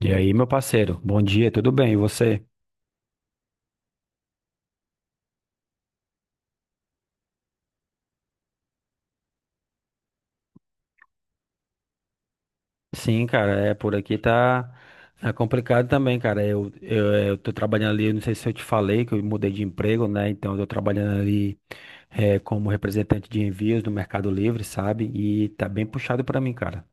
E aí, meu parceiro, bom dia, tudo bem? E você? Sim, cara, é por aqui tá complicado também, cara. Eu tô trabalhando ali. Eu não sei se eu te falei que eu mudei de emprego, né? Então eu tô trabalhando ali como representante de envios no Mercado Livre, sabe? E tá bem puxado pra mim, cara.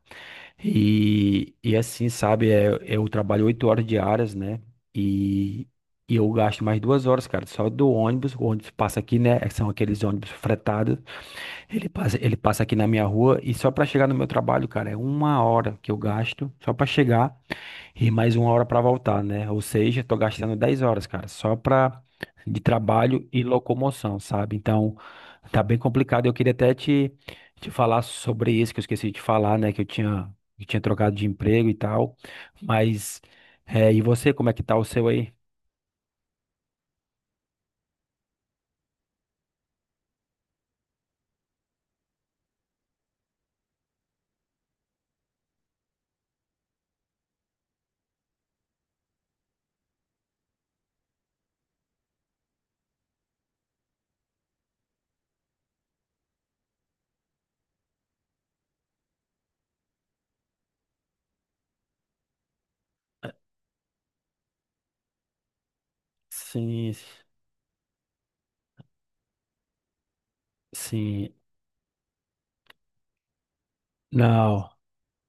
E assim, sabe, eu trabalho 8 horas diárias, né? E, e eu gasto mais 2 horas, cara, só do ônibus. O ônibus passa aqui, né? São aqueles ônibus fretados. Ele passa aqui na minha rua, e só pra chegar no meu trabalho, cara, é uma hora que eu gasto só pra chegar e mais uma hora pra voltar, né? Ou seja, tô gastando 10 horas, cara, só pra de trabalho e locomoção, sabe? Então, tá bem complicado. Eu queria até te falar sobre isso que eu esqueci de falar, né? Que eu tinha trocado de emprego e tal. Mas, e você, como é que tá o seu aí? Sim, sim. Não.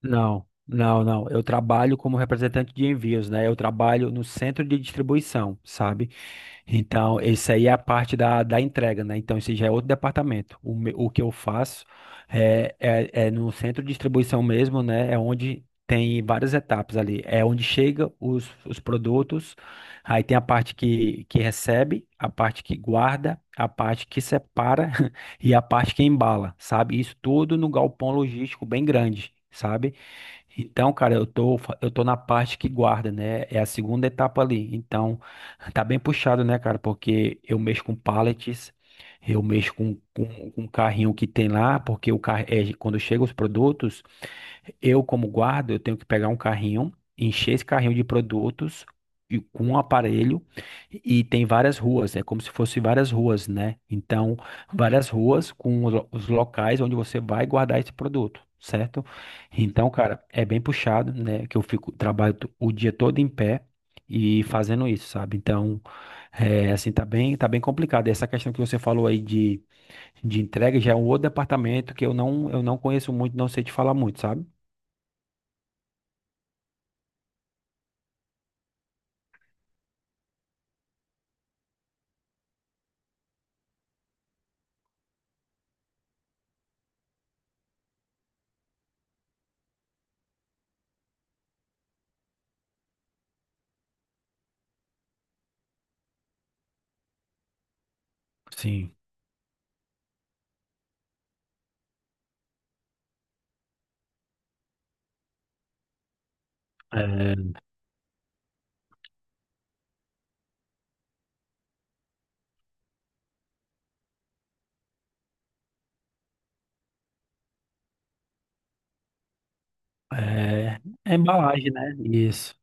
Não, não, não. Eu trabalho como representante de envios, né? Eu trabalho no centro de distribuição, sabe? Então, esse aí é a parte da entrega, né? Então, esse já é outro departamento. O que eu faço é no centro de distribuição mesmo, né? É onde tem várias etapas ali. É onde chega os produtos. Aí tem a parte que recebe, a parte que guarda, a parte que separa e a parte que embala, sabe? Isso tudo no galpão logístico bem grande. Sabe? Então, cara, eu tô na parte que guarda, né? É a segunda etapa ali. Então, tá bem puxado, né, cara? Porque eu mexo com pallets, eu mexo com um carrinho que tem lá, porque o carro, quando chegam os produtos. Eu, como guarda, eu tenho que pegar um carrinho, encher esse carrinho de produtos e com um aparelho e tem várias ruas, é como se fosse várias ruas, né? Então, várias ruas com os locais onde você vai guardar esse produto, certo? Então, cara, é bem puxado, né? Que eu fico o dia todo em pé e fazendo isso, sabe? Então, assim, tá bem complicado. Essa questão que você falou aí de entrega já é um outro departamento que eu não conheço muito, não sei te falar muito, sabe? Sim. É, é, é embalagem, né? Isso.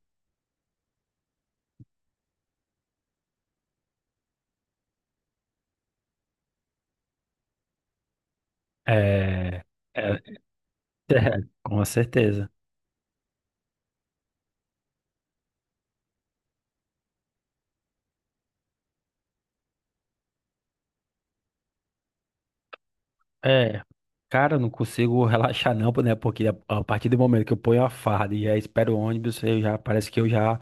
É, é, é, com certeza. É, cara, eu não consigo relaxar não, né? Porque a partir do momento que eu ponho a farda e já espero o ônibus, eu já parece que eu já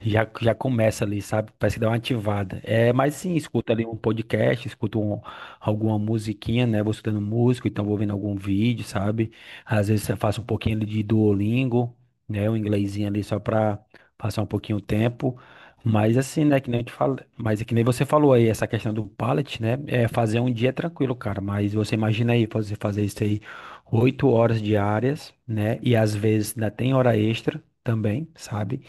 já já começa ali, sabe? Parece que dá uma ativada. É, mas sim, escuto ali um podcast, alguma musiquinha, né? Vou escutando música, então vou vendo algum vídeo, sabe? Às vezes eu faço um pouquinho ali de Duolingo, né? Um inglesinho ali só pra passar um pouquinho o tempo. Mas assim, né, que nem eu te falo, mas é que nem você falou aí, essa questão do pallet, né, é fazer um dia tranquilo, cara, mas você imagina aí, você fazer isso aí 8 horas diárias, né, e às vezes ainda tem hora extra também, sabe?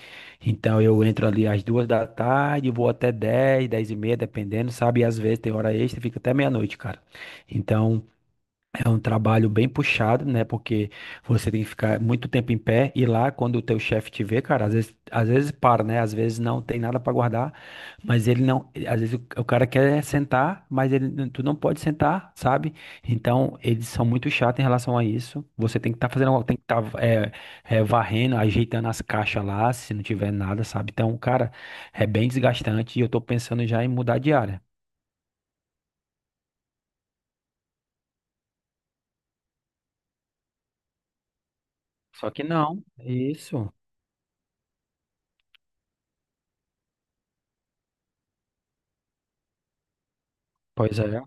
Então eu entro ali às 2 da tarde, vou até 10, 10h30, dependendo, sabe? E às vezes tem hora extra, e fica até meia-noite, cara. Então, é um trabalho bem puxado, né? Porque você tem que ficar muito tempo em pé e lá, quando o teu chefe te vê, cara, às vezes para, né? Às vezes não tem nada para guardar, mas ele não, às vezes o cara quer sentar, mas ele, não- tu não pode sentar, sabe? Então, eles são muito chatos em relação a isso. Você tem que estar fazendo, algo, tem que estar varrendo, ajeitando as caixas lá, se não tiver nada, sabe? Então, cara, é bem desgastante e eu tô pensando já em mudar de área. Só que não, isso. Pois é.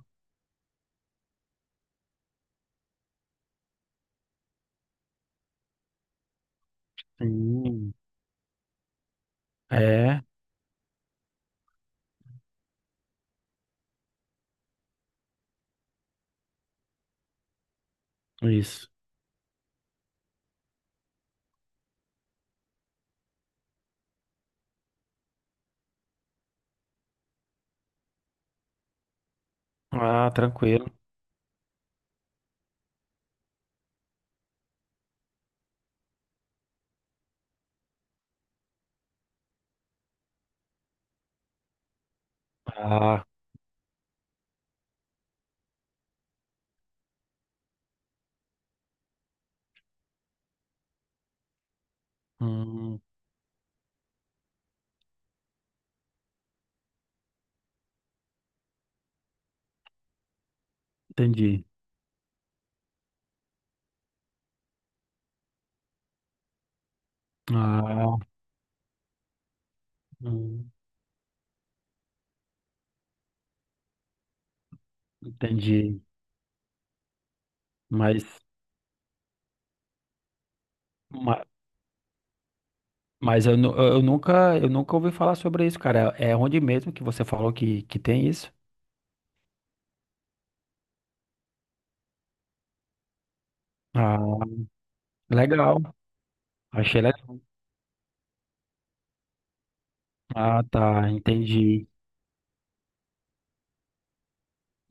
Sim. É, isso. Ah, tranquilo. Ah, hum, entendi. Ah, hum, entendi. Mas, ma- mas eu nunca ouvi falar sobre isso, cara. É onde mesmo que você falou que tem isso? Ah, legal. Achei legal. Ah, tá, entendi.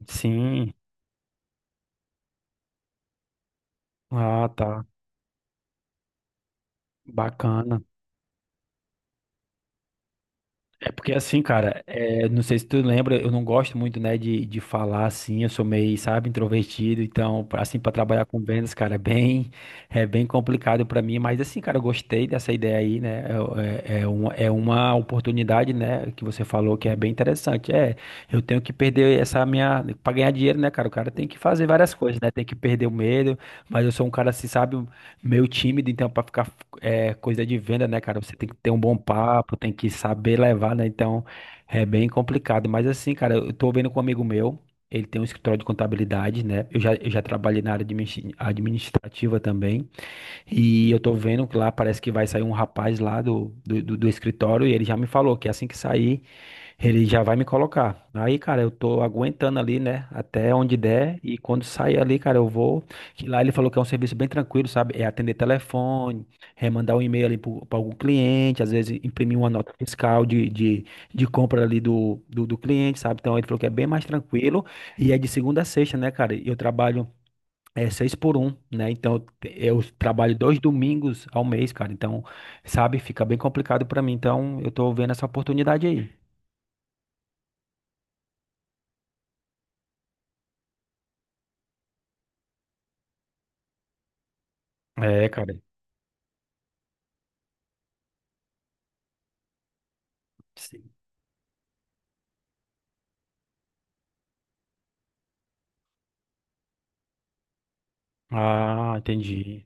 Sim. Ah, tá. Bacana. É porque assim, cara, não sei se tu lembra, eu não gosto muito, né, de falar assim, eu sou meio, sabe, introvertido, então, assim, para trabalhar com vendas, cara, é bem complicado pra mim, mas assim, cara, eu gostei dessa ideia aí, né, é uma oportunidade, né, que você falou que é bem interessante, eu tenho que perder essa minha, pra ganhar dinheiro, né, cara, o cara tem que fazer várias coisas, né, tem que perder o medo, mas eu sou um cara, assim, sabe, meio tímido, então, para ficar coisa de venda, né, cara? Você tem que ter um bom papo, tem que saber levar, né? Então, é bem complicado. Mas assim, cara, eu tô vendo com um amigo meu, ele tem um escritório de contabilidade, né? Eu já trabalhei na área administrativa também. E eu tô vendo que lá parece que vai sair um rapaz lá do escritório, e ele já me falou que assim que sair. Ele já vai me colocar. Aí, cara, eu tô aguentando ali, né? Até onde der. E quando sair ali, cara, eu vou. Que lá ele falou que é um serviço bem tranquilo, sabe? É atender telefone, é mandar um e-mail ali para algum cliente, às vezes imprimir uma nota fiscal de compra ali do cliente, sabe? Então ele falou que é bem mais tranquilo. E é de segunda a sexta, né, cara? E eu trabalho. É seis por um, né? Então eu trabalho 2 domingos ao mês, cara. Então, sabe, fica bem complicado pra mim. Então, eu tô vendo essa oportunidade aí. É, cara. Sim. Ah, entendi.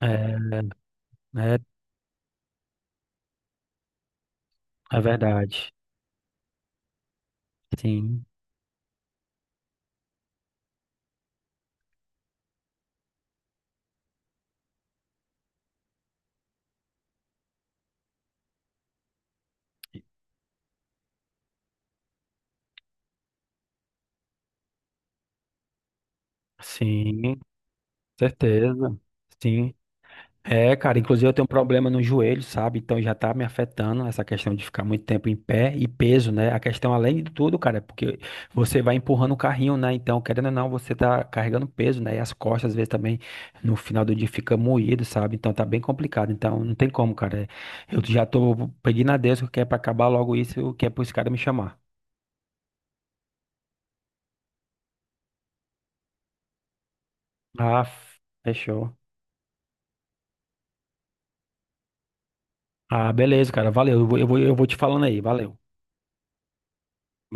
É, é, é verdade. Sim, sim, certeza. Sim. É, cara, inclusive eu tenho um problema no joelho, sabe? Então já tá me afetando essa questão de ficar muito tempo em pé e peso, né? A questão, além de tudo, cara, é porque você vai empurrando o carrinho, né? Então, querendo ou não, você tá carregando peso, né? E as costas, às vezes, também no final do dia fica moído, sabe? Então tá bem complicado. Então não tem como, cara. Eu já tô pedindo a Deus que é pra acabar logo isso, que é pros caras me chamar. Ah, fechou. Ah, beleza, cara. Valeu. Eu vou te falando aí. Valeu.